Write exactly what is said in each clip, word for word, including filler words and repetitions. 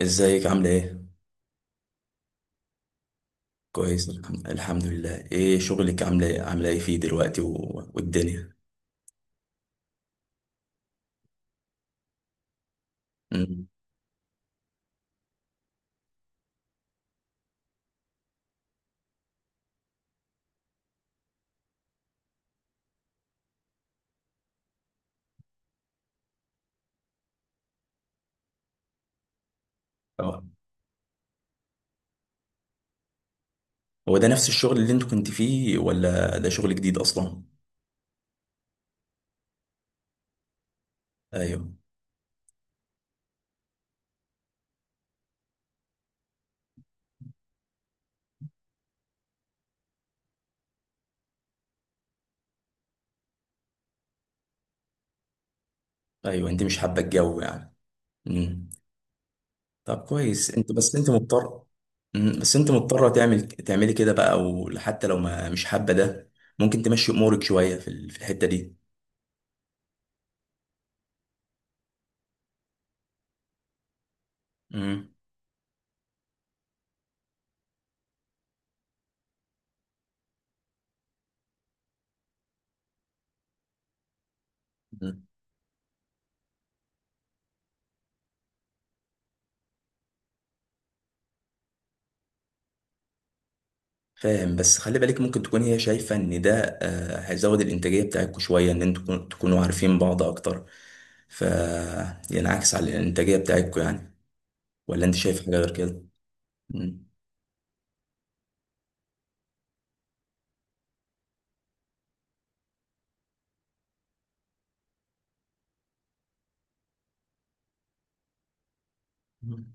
ازيك عاملة ايه؟ كويس. الحم- الحمد لله. ايه شغلك؟ عاملة ايه؟ عاملة ايه فيه دلوقتي و... والدنيا؟ مم. اه، هو ده نفس الشغل اللي انت كنت فيه ولا ده شغل جديد اصلا؟ ايوه، ايوه، انت مش حابة الجو يعني. مم. طب كويس، انت بس انت مضطر. مم. بس انت مضطرة تعمل تعملي كده بقى، وحتى لو ما مش حابة ده، ممكن تمشي امورك شوية في ال- في الحتة دي. مم. فاهم، بس خلي بالك، ممكن تكون هي شايفة ان ده آه، هيزود الانتاجية بتاعتكم شوية، ان انتوا تكون- تكونوا عارفين بعض اكتر، ف ينعكس على الانتاجية بتاعتكم يعني. ولا انت شايف حاجة غير كده؟ مم. مم.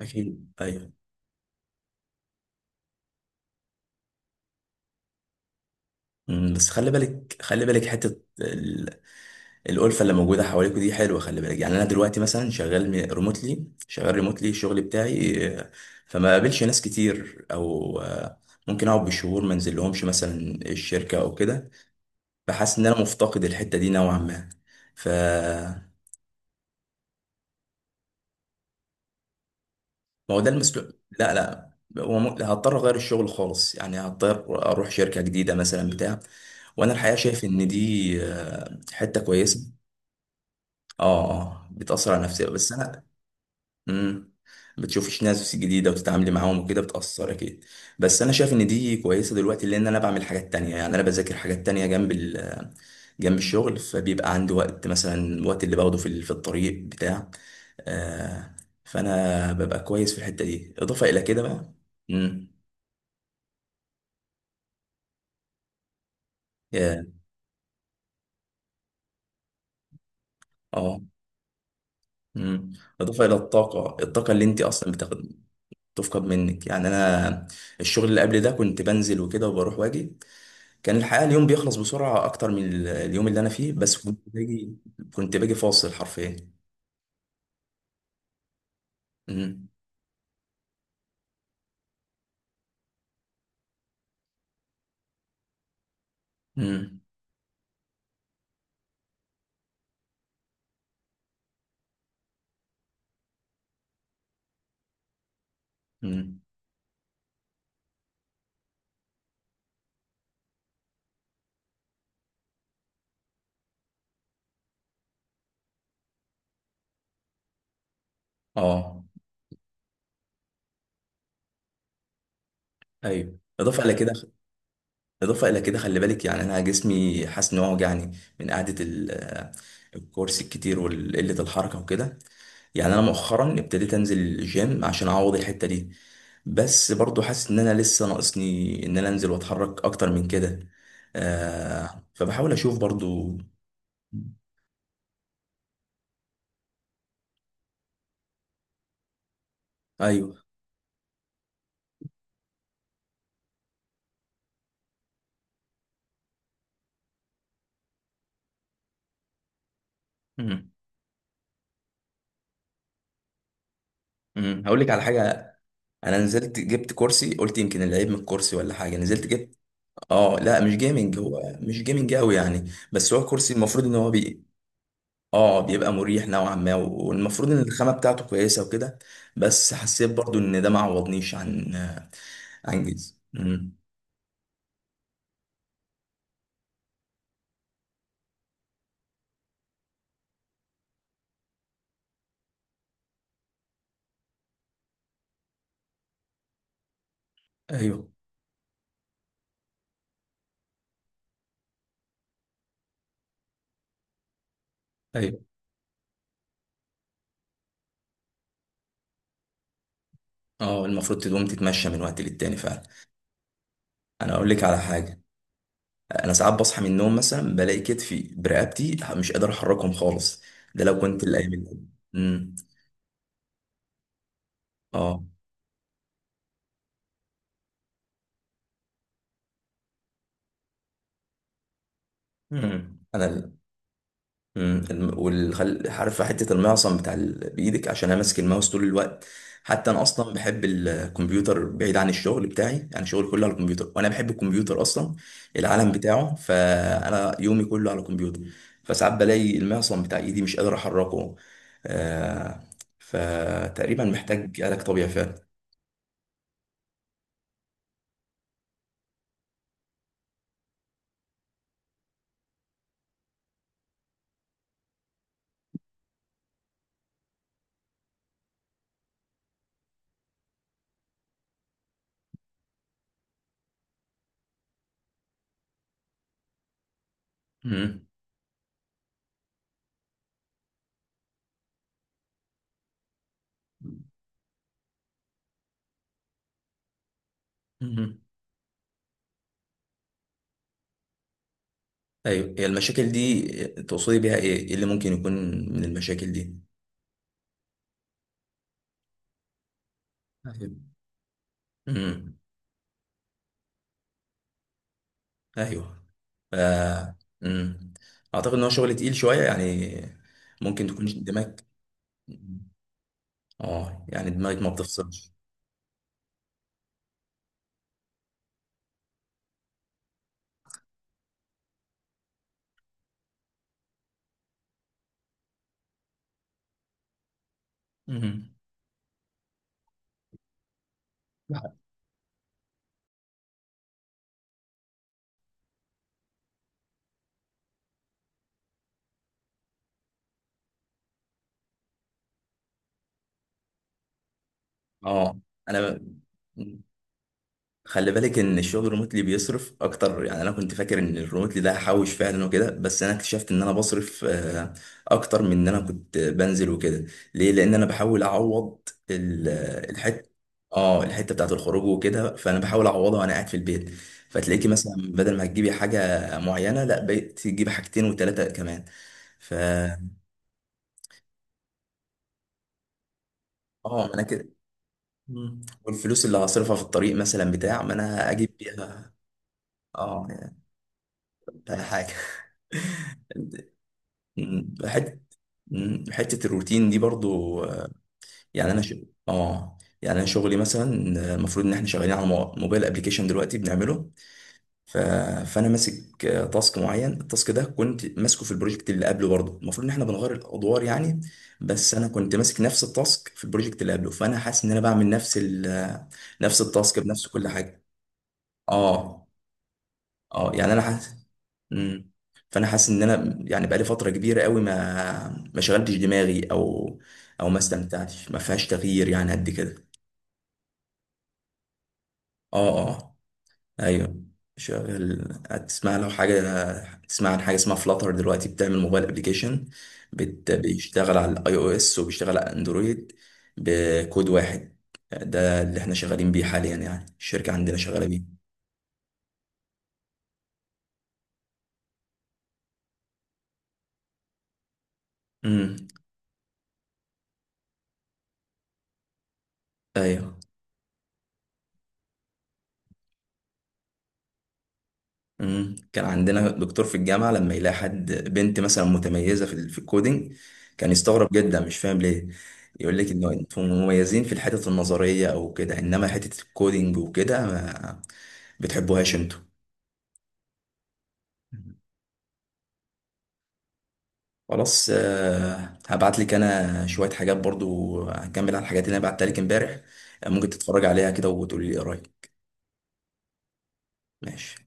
اكيد، ايوه. مم، بس خلي بالك، خلي بالك حتة ال- الألفة اللي موجودة حواليكوا دي حلوة. خلي بالك يعني، انا دلوقتي مثلا شغال ريموتلي شغال ريموتلي، الشغل بتاعي آه، فما قابلش ناس كتير، او آه، ممكن اقعد بالشهور ما انزل لهمش مثلا الشركة او كده. بحس ان انا مفتقد الحته دي نوعا ما. ف ما هو ده المسلوق. لا، لا، هو م- هضطر اغير الشغل خالص يعني، هضطر اروح شركه جديده مثلا بتاع. وانا الحقيقه شايف ان دي آه، حته كويسه. اه، اه، بتاثر على نفسي، بس انا امم بتشوفيش ناس جديده وتتعاملي معاهم وكده، بتاثر اكيد. بس انا شايف ان دي كويسه دلوقتي لان انا بعمل حاجات تانية يعني، انا بذاكر حاجات تانية جنب ال جنب الشغل، فبيبقى عندي وقت مثلا، الوقت اللي باخده في في الطريق بتاع آه، فانا ببقى كويس في الحته دي اضافه الى كده بقى. امم يا اه امم اضافه الى الطاقه الطاقه اللي انت اصلا بتاخد، تفقد منك يعني. انا الشغل اللي قبل ده كنت بنزل وكده وبروح واجي، كان الحقيقه اليوم بيخلص بسرعه اكتر من ال- اليوم اللي انا فيه، بس كنت باجي كنت باجي فاصل حرفيا. امم. امم. امم. اه. ايوه، اضافه الى كده، اضافه الى كده خلي بالك يعني، انا جسمي حاسس ان هو وجعني من قعده ال- الكرسي الكتير وقله الحركه وكده، يعني انا مؤخرا ابتديت انزل الجيم عشان اعوض الحته دي. بس برضو حاسس ان انا لسه ناقصني ان انا انزل واتحرك اكتر من كده، آه فبحاول اشوف برضو. ايوه. امم. امم، هقول لك على حاجه. انا نزلت جبت كرسي، قلت يمكن العيب من الكرسي ولا حاجه، نزلت جبت. اه، لا، مش جيمنج، هو مش جيمنج قوي يعني، بس هو كرسي المفروض ان هو بي. اه بيبقى مريح نوعا ما، والمفروض ان الخامه بتاعته كويسه وكده، بس حسيت برضو ان ده ما عوضنيش عن. عن جيز. مم. ايوه. ايوه. اه، المفروض تقوم تتمشى من وقت للتاني فعلا. انا اقول لك على حاجه. انا ساعات بصحى من النوم مثلا بلاقي كتفي برقبتي مش قادر احركهم خالص، ده لو كنت الايام اللي. امم. اه. مم. انا امم الم- والخل... عارف حته المعصم بتاع ال... بايدك، عشان انا ماسك الماوس طول الوقت. حتى انا اصلا بحب الكمبيوتر بعيد عن الشغل بتاعي، انا شغلي كله على الكمبيوتر، وانا بحب الكمبيوتر اصلا العالم بتاعه، فانا يومي كله على الكمبيوتر. فساعات بلاقي المعصم بتاع ايدي مش قادر احركه، آه... فتقريبا محتاج علاج طبيعي فعلا. امم. امم. ايوه، هي المشاكل دي تقصدي بيها ايه؟ إيه اللي ممكن يكون من المشاكل دي؟ أيوة. امم. ايوه. ف... مم. اعتقد ان هو شغل تقيل شويه يعني، ممكن تكون دماغك، اه يعني دماغك ما بتفصلش. مم. لا. اه، انا. خلي بالك ان الشغل الريموتلي بيصرف اكتر، يعني انا كنت فاكر ان الريموتلي ده هحوش فعلا وكده، بس انا اكتشفت ان انا بصرف آه، اكتر من ان انا كنت بنزل وكده. ليه؟ لان انا بحاول اعوض ال- الحته، اه الحته بتاعت الخروج وكده، فانا بحاول اعوضها وانا قاعد في البيت. فتلاقيكي مثلا، بدل ما تجيبي حاجه معينه، لا، بقيت تجيبي حاجتين وثلاثه كمان. ف اه انا كده. مم. والفلوس اللي هصرفها في الطريق مثلا بتاع، ما انا اجيب بيها. اه بقى حاجه. مم. حته. مم. حته الروتين دي برضو آه، يعني انا ش... اه. يعني انا شغلي مثلا آه، المفروض ان احنا شغالين على مو- موبايل ابلكيشن دلوقتي بنعمله. ف... فانا ماسك آه، تاسك معين. التاسك ده كنت ماسكه في البروجكت اللي قبله برضو، المفروض ان احنا بنغير الادوار يعني، بس انا كنت ماسك نفس التاسك في البروجكت اللي قبله، فانا حاسس ان انا بعمل نفس ال... نفس التاسك بنفس كل حاجه. اه، اه، يعني انا حاسس. امم. فانا حاسس ان انا يعني بقالي فتره كبيره قوي ما ما شغلتش دماغي، او او ما استمتعتش، ما فيهاش تغيير يعني قد كده. اه. اه. ايوه، شغل، هتسمع لو حاجه، تسمع عن حاجه اسمها فلاتر، دلوقتي بتعمل موبايل ابلكيشن بت... بيشتغل على الاي او اس وبيشتغل على اندرويد بكود واحد. ده اللي احنا شغالين بيه حاليا يعني، الشركه عندنا شغاله بيه. امم. ايوه. مم. كان عندنا دكتور في الجامعة لما يلاقي حد بنت مثلا متميزة في ال- في الكودينج، كان يستغرب جدا، مش فاهم ليه. يقول لك انه انتم مميزين في الحتة النظرية او كده، انما حتة الكودينج وكده ما بتحبوهاش انتوا. خلاص، آه، هبعت لك انا شوية حاجات برضو، هكمل على الحاجات اللي انا بعتها لك امبارح، ممكن تتفرج عليها كده وتقولي لي ايه رأيك. ماشي.